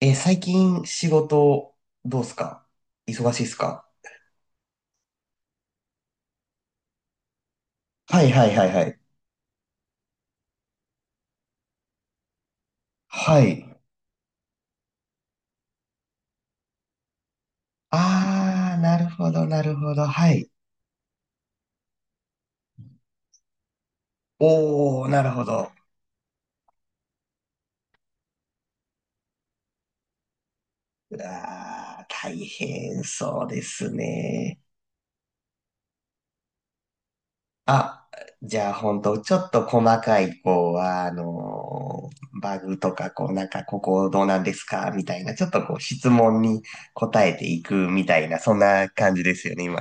最近仕事どうすか忙しいっすか？はいはいはいはい。はい。あー、なるほどなるほど。はい。おー、なるほど。うわー、大変そうですね。あ、じゃあほんと、ちょっと細かい、こう、バグとか、こう、なんか、ここどうなんですかみたいな、ちょっとこう、質問に答えていくみたいな、そんな感じですよね、今。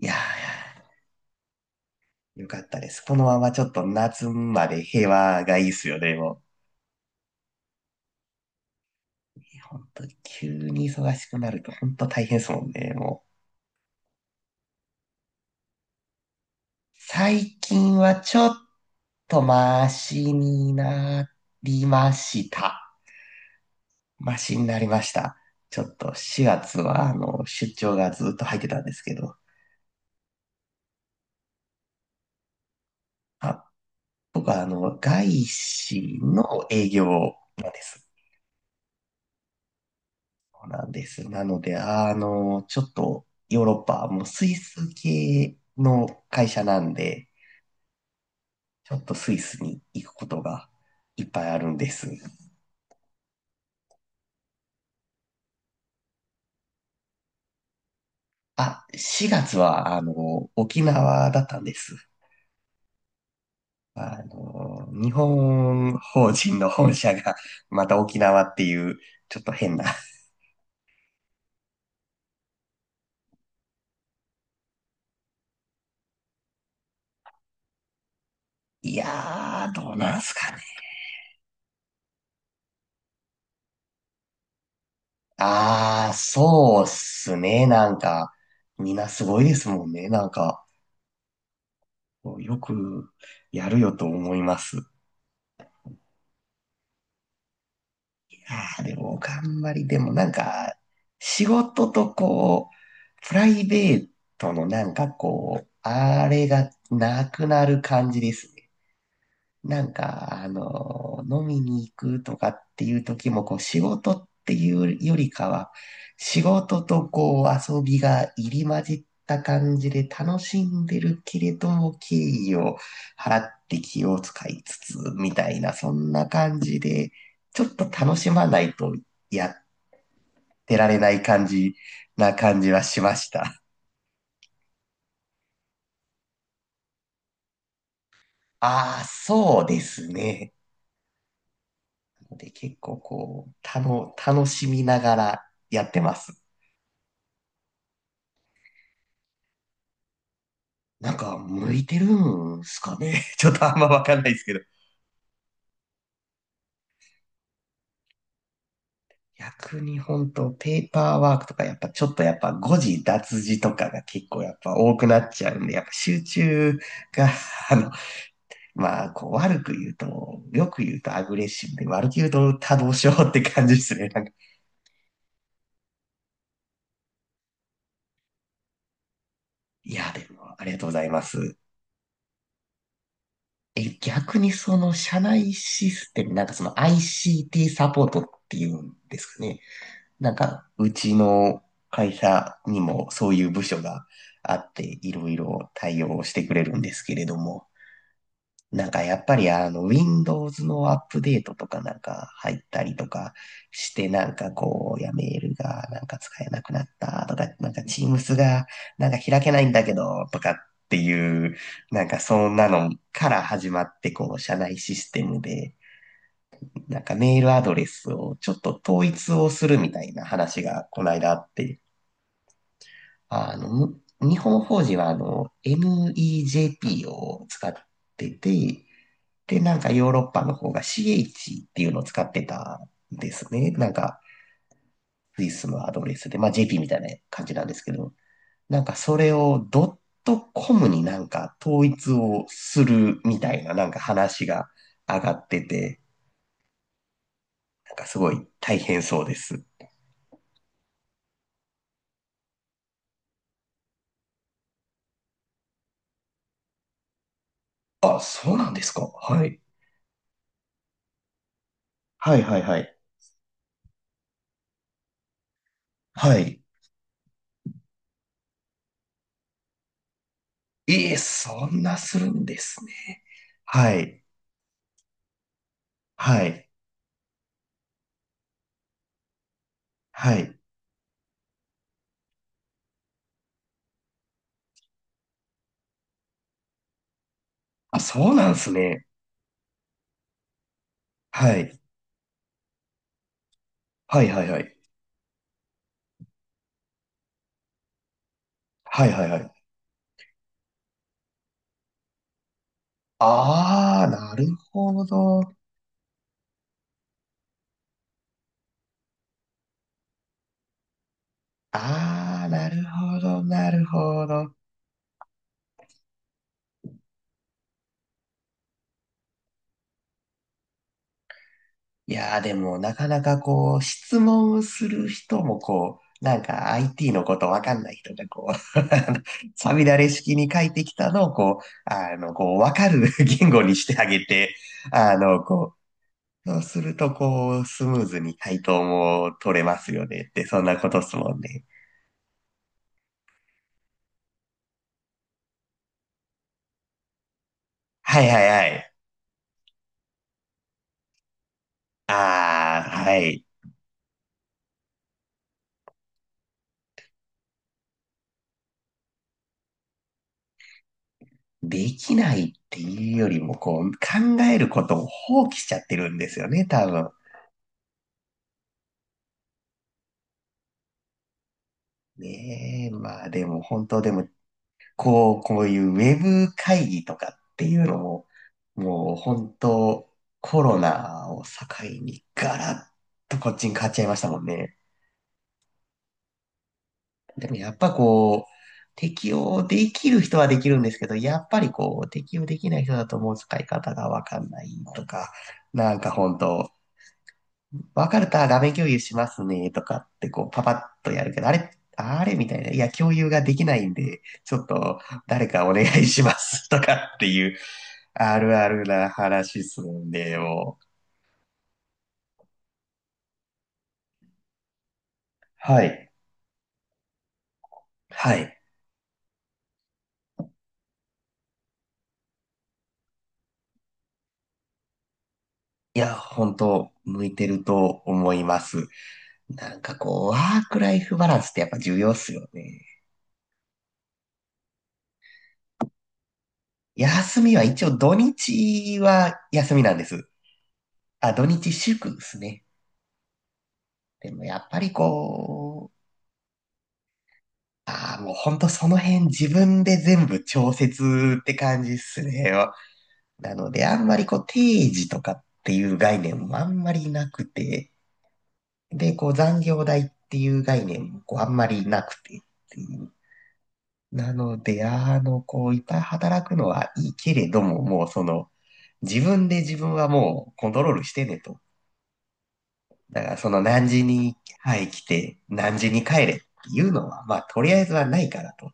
いやー、よかったです。このままちょっと夏まで平和がいいっすよね、もう。いや本当に急に忙しくなると本当大変ですもんね、もう。最近はちょっとマシになりました。マシになりました。ちょっと4月はあの出張がずっと入ってたんですけど、あ、僕はあの外資の営業なんです。そうなんです。なので、あの、ちょっとヨーロッパ、もうスイス系の会社なんで、ちょっとスイスに行くことがいっぱいあるんです。あ、4月は、あの、沖縄だったんです。あの、日本法人の本社が また沖縄っていう、ちょっと変な。いやー、どうなんすかね。あー、そうっすね。なんか、みんなすごいですもんね。なんか、よくやるよと思います。いやー、でも頑張り、でもなんか、仕事とこう、プライベートのなんかこう、あれがなくなる感じですね。なんか、あの、飲みに行くとかっていう時も、こう、仕事っていうよりかは、仕事とこう、遊びが入り混じった感じで楽しんでるけれども、敬意を払って気を使いつつ、みたいな、そんな感じで、ちょっと楽しまないとやってられない感じな感じはしました。ああ、そうですね。で、結構こう、たの、楽しみながらやってます。なんか、向いてるんすかね ちょっとあんまわかんないですけど。逆に本当、ペーパーワークとか、やっぱちょっとやっぱ誤字脱字とかが結構やっぱ多くなっちゃうんで、やっぱ集中が、あの、まあ、こう悪く言うと、よく言うとアグレッシブで、悪く言うと多動症って感じですね。なんか、いや、でも、ありがとうございます。え、逆にその社内システム、なんかその ICT サポートっていうんですかね。なんか、うちの会社にもそういう部署があって、いろいろ対応してくれるんですけれども、なんかやっぱりあの、Windows のアップデートとかなんか入ったりとかして、なんかこう、いやメールがなんか使えなくなったとか、なんか Teams がなんか開けないんだけど、とかっていう、なんかそんなのから始まって、こう、社内システムで、なんかメールアドレスをちょっと統一をするみたいな話がこの間あって、あの、む日本法人はあの、MEJP を使ってて、で、なんかヨーロッパの方が CH っていうのを使ってたんですね。なんか、スイスのアドレスで、まあ JP みたいな感じなんですけど、なんかそれをドットコムになんか統一をするみたいななんか話が上がってて、なんかすごい大変そうです。あ、そうなんですか。はい。はいはいはい。はい。ええ、そんなするんですね。はい。はい。はい。あ、そうなんですね。はい。はいはいはい。はいはいはい。ああ、なるほど。ああ、なるほど、なるほど。いやー、でも、なかなかこう、質問する人もこう、なんか IT のことわかんない人がこう、あのさみだれ式に書いてきたのをこう、あの、こう、わかる 言語にしてあげて、あの、こそうすると、こう、スムーズに対等も取れますよねって、そんなことっすもんね。はいはいはい。ああ、はい。できないっていうよりも、こう、考えることを放棄しちゃってるんですよね、多分。ねえ、まあでも本当でも、こう、こういうウェブ会議とかっていうのも、もう本当コロナを境にガラッとこっちに変わっちゃいましたもんね。でもやっぱこう、適用できる人はできるんですけど、やっぱりこう、適用できない人だともう使い方がわかんないとか、なんか本当、わかるとあ画面共有しますねとかってこう、パパッとやるけど、あれ、あれみたいな、いや、共有ができないんで、ちょっと誰かお願いしますとかっていう、あるあるな話すんでよ。はい。はい。いや、本当、向いてると思います。なんかこう、ワークライフバランスってやっぱ重要っすよね。休みは一応土日は休みなんです。あ、土日祝ですね。でもやっぱりこう、ああ、もうほんとその辺自分で全部調節って感じっすね。なのであんまりこう定時とかっていう概念もあんまりなくて、で、こう残業代っていう概念もこうあんまりなくてっていう。なので、あの、こういっぱい働くのはいいけれども、もうその、自分で自分はもうコントロールしてねと。だからその何時に、はい、来て、何時に帰れっていうのは、まあとりあえずはないからと。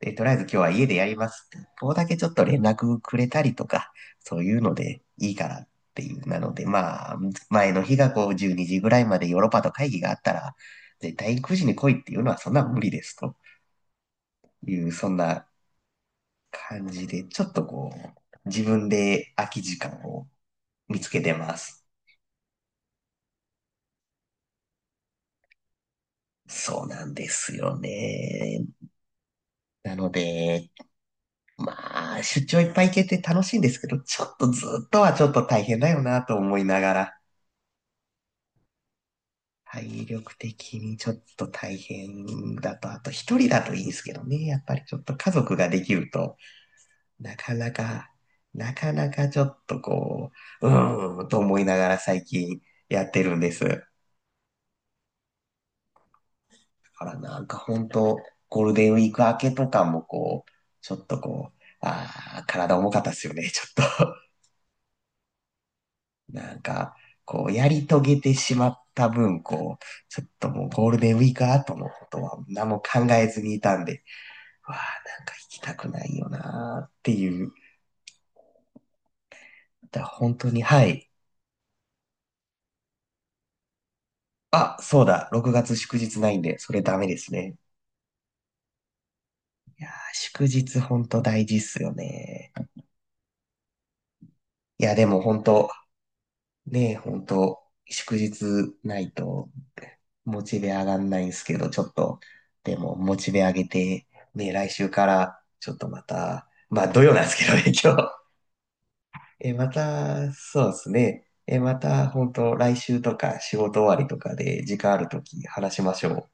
で、とりあえず今日は家でやりますって。ここだけちょっと連絡くれたりとか、そういうのでいいからっていう。なので、まあ、前の日がこう12時ぐらいまでヨーロッパと会議があったら、絶対9時に来いっていうのはそんな無理ですという、そんな感じで、ちょっとこう、自分で空き時間を見つけてます。そうなんですよね。なので、まあ、出張いっぱい行けて楽しいんですけど、ちょっとずっとはちょっと大変だよなと思いながら、体力的にちょっと大変だと、あと一人だといいんですけどね、やっぱりちょっと家族ができると、なかなか、なかなかちょっとこう、うーんと思いながら最近やってるんです。からなんか本当、ゴールデンウィーク明けとかもこう、ちょっとこう、ああ、体重かったっすよね、ちょっと。なんか、こう、やり遂げてしまった分、こう、ちょっともうゴールデンウィーク後のことは何も考えずにいたんで、うわあ、なんか行きたくないよなーっていう。だから本当に、はい。あ、そうだ、6月祝日ないんで、それダメですね。あー祝日本当大事っすよね。いや、でも本当、ねえ、ほんと、祝日ないとモチベ上がんないんですけど、ちょっと、でもモチベ上げて、ね、来週からちょっとまた、まあ土曜なんですけどね、今日。え、また、そうですね。え、また、ほんと、来週とか仕事終わりとかで時間あるとき話しましょう。